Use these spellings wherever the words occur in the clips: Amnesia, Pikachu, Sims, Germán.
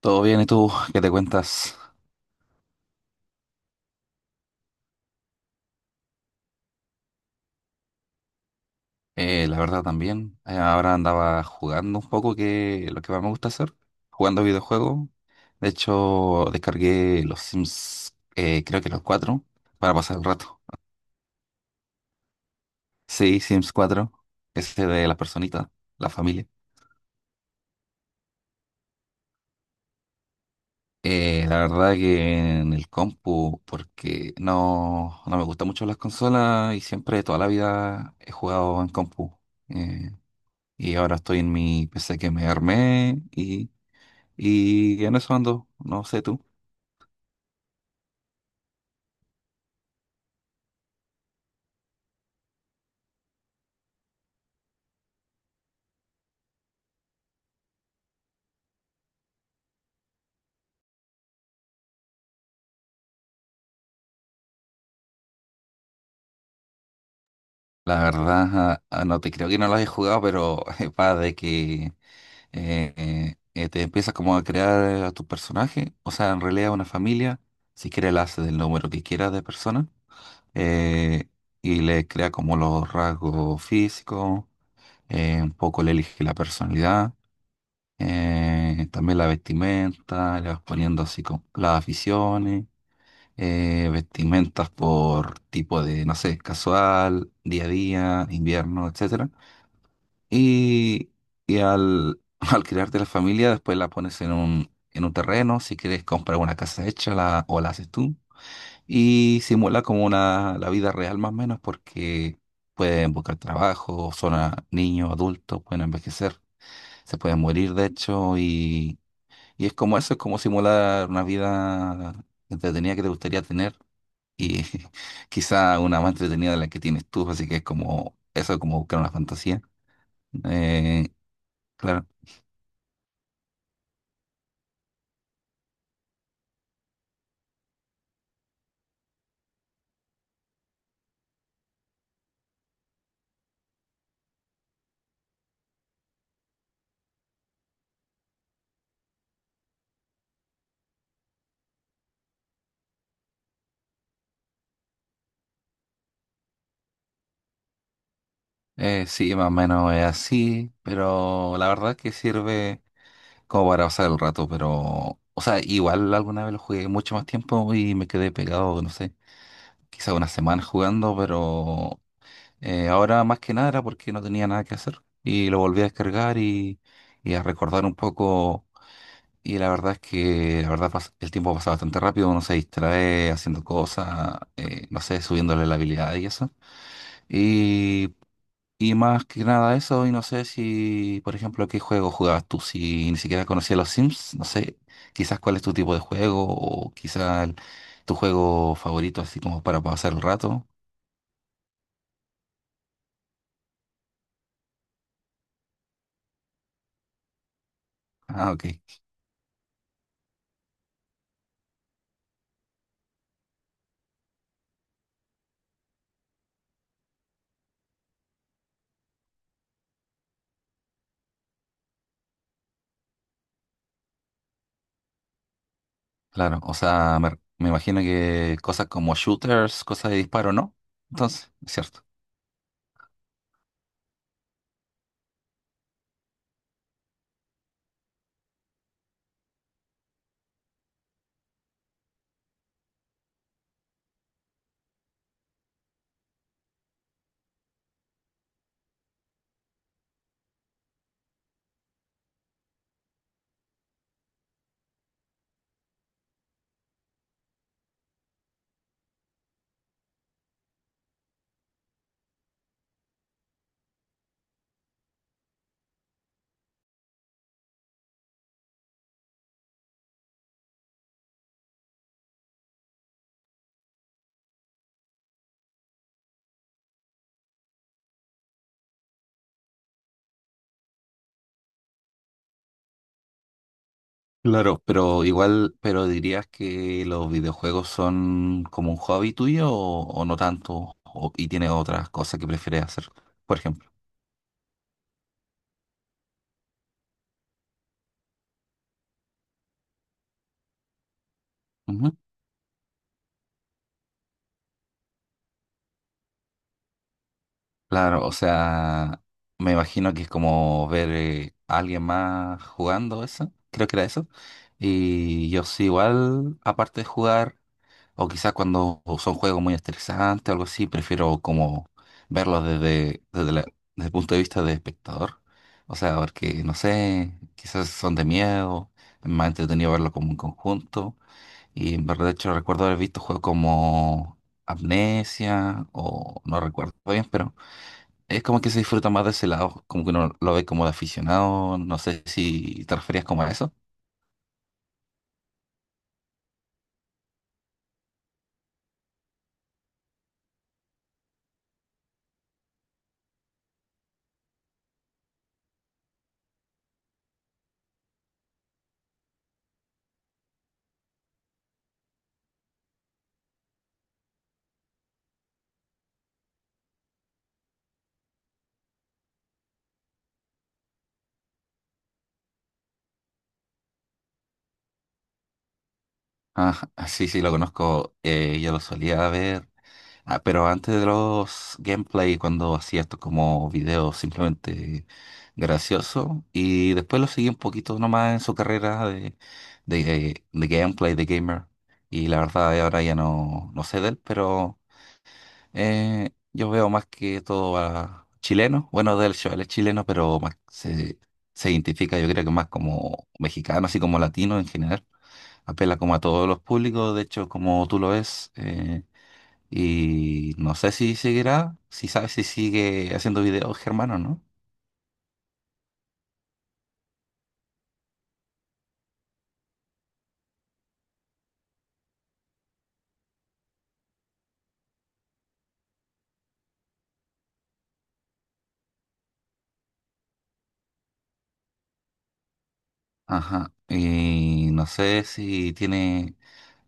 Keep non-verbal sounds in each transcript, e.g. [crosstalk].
Todo bien, ¿y tú qué te cuentas? La verdad también, ahora andaba jugando un poco, que es lo que más me gusta hacer, jugando videojuegos. De hecho, descargué los Sims, creo que los cuatro, para pasar el rato. Sí, Sims cuatro, ese de la personita, la familia. La verdad que en el compu, porque no me gustan mucho las consolas y siempre toda la vida he jugado en compu. Eh, y ahora estoy en mi PC que me armé. Y en eso ando, no sé tú. La verdad, no te creo que no lo hayas jugado, pero [laughs] va de que te empiezas como a crear a tu personaje, o sea, en realidad una familia, si quieres la hace del número que quieras de personas, eh, y le crea como los rasgos físicos, un poco le elige la personalidad, también la vestimenta, le vas poniendo así como las aficiones. Vestimentas por tipo de, no sé, casual, día a día, invierno, etcétera. Y, y al, [laughs] al crearte la familia, después la pones en un terreno, si quieres comprar una casa hecha la, o la haces tú. Y simula como una, la vida real más o menos porque pueden buscar trabajo, son a- niños, adultos, pueden envejecer, se pueden morir de hecho y es como eso, es como simular una vida entretenida que te gustaría tener y [laughs] quizá una más entretenida de la que tienes tú, así que es como eso, es como buscar una fantasía. Eh, claro. Sí, más o menos es así, pero la verdad que sirve como para pasar el rato, pero, o sea, igual alguna vez lo jugué mucho más tiempo y me quedé pegado, no sé, quizá una semana jugando, pero ahora más que nada era porque no tenía nada que hacer y lo volví a descargar y a recordar un poco. Y la verdad es que la verdad pas- el tiempo pasa bastante rápido, uno se distrae haciendo cosas, no sé, subiéndole la habilidad y eso. Y, y más que nada eso, y no sé si, por ejemplo, qué juego jugabas tú, si ni siquiera conocías los Sims, no sé, quizás cuál es tu tipo de juego o quizás tu juego favorito, así como para pasar el rato. Ah, ok, claro, o sea, me imagino que cosas como shooters, cosas de disparo, ¿no? Entonces, es cierto. Claro, pero igual, pero dirías que los videojuegos son como un hobby tuyo o no tanto, o- y tienes otras cosas que prefieres hacer, por ejemplo. Ujú. Claro, o sea, me imagino que es como ver a alguien más jugando eso, creo que era eso. Y yo sí, igual, aparte de jugar, o quizás cuando son juegos muy estresantes o algo así, prefiero como verlos desde el punto de vista de espectador. O sea, porque, no sé, quizás son de miedo, es más entretenido verlo como un conjunto. Y en verdad, de hecho, recuerdo haber visto juegos como Amnesia o no recuerdo bien, pero es como que se disfruta más de ese lado, como que uno lo ve como de aficionado. No sé si te referías como a eso. Ah, [laughs] ah, sí, sí, lo conozco. Yo lo solía ver. Ah, pero antes de los gameplay, cuando hacía esto como videos simplemente gracioso, y después lo seguí un poquito nomás en su carrera de gameplay, de gamer, y la verdad ahora ya no, no sé de él, pero yo veo más que todo a chileno, bueno, del show, él es chileno, pero más se identifica yo creo que más como mexicano, así como latino en general apela como a todos los públicos, de hecho, como tú lo ves, y no sé si seguirá, si sabes si sigue haciendo videos, Germán, o no. Ajá, y no sé si tiene,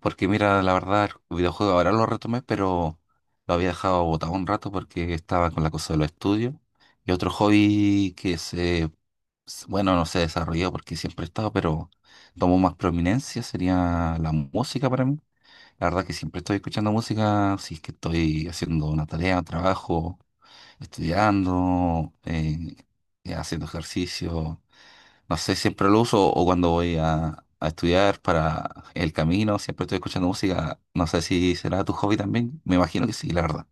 porque mira, la verdad, el videojuego ahora lo retomé, pero lo había dejado botado un rato porque estaba con la cosa de los estudios. Y otro hobby que se, s- bueno, no se desarrolló porque siempre he estado, pero tomó más prominencia sería la música para mí. La verdad que siempre estoy escuchando música, si es que estoy haciendo una tarea, un trabajo, estudiando, haciendo ejercicio. No sé, siempre lo uso o cuando voy a estudiar para el camino, siempre estoy escuchando música. No sé si será tu hobby también. Me imagino que sí, la verdad.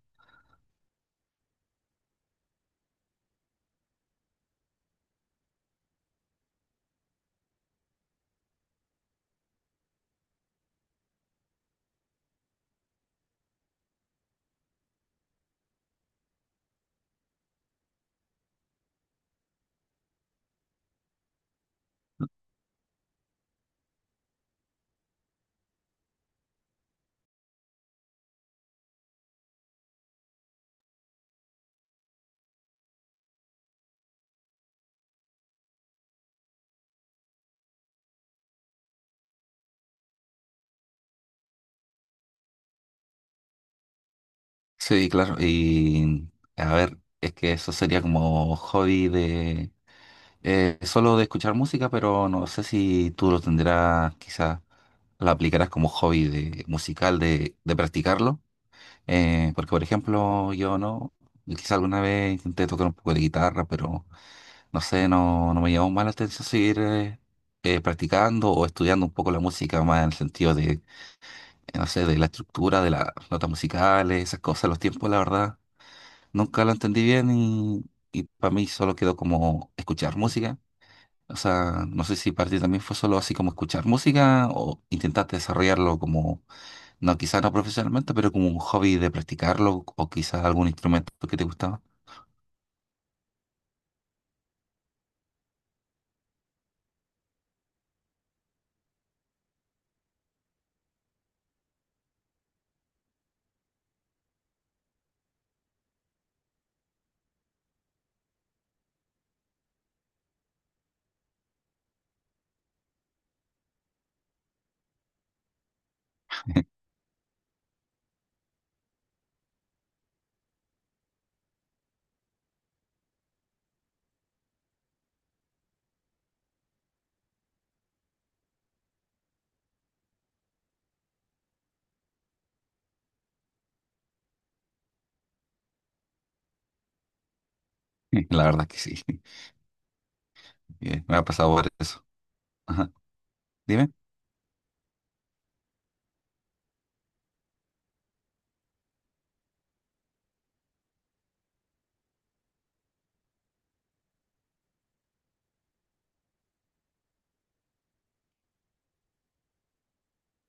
Sí, claro. Y a ver, es que eso sería como hobby de solo de escuchar música, pero no sé si tú lo tendrás, quizás lo aplicarás como hobby de, musical de practicarlo. Porque, por ejemplo, yo no, quizás alguna vez intenté tocar un poco de guitarra, pero no sé, no, no me llamó más la atención seguir practicando o estudiando un poco la música más en el sentido de, no sé, de la estructura, de las notas musicales, esas cosas, los tiempos, la verdad. Nunca lo entendí bien y para mí solo quedó como escuchar música, o sea, no sé si para ti también fue solo así como escuchar música o intentaste desarrollarlo como, no, quizás no profesionalmente, pero como un hobby de practicarlo o quizás algún instrumento que te gustaba. [laughs] La verdad es que sí, [laughs] me ha pasado por eso. Ajá. Dime.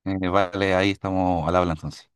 Vale, ahí estamos al habla entonces.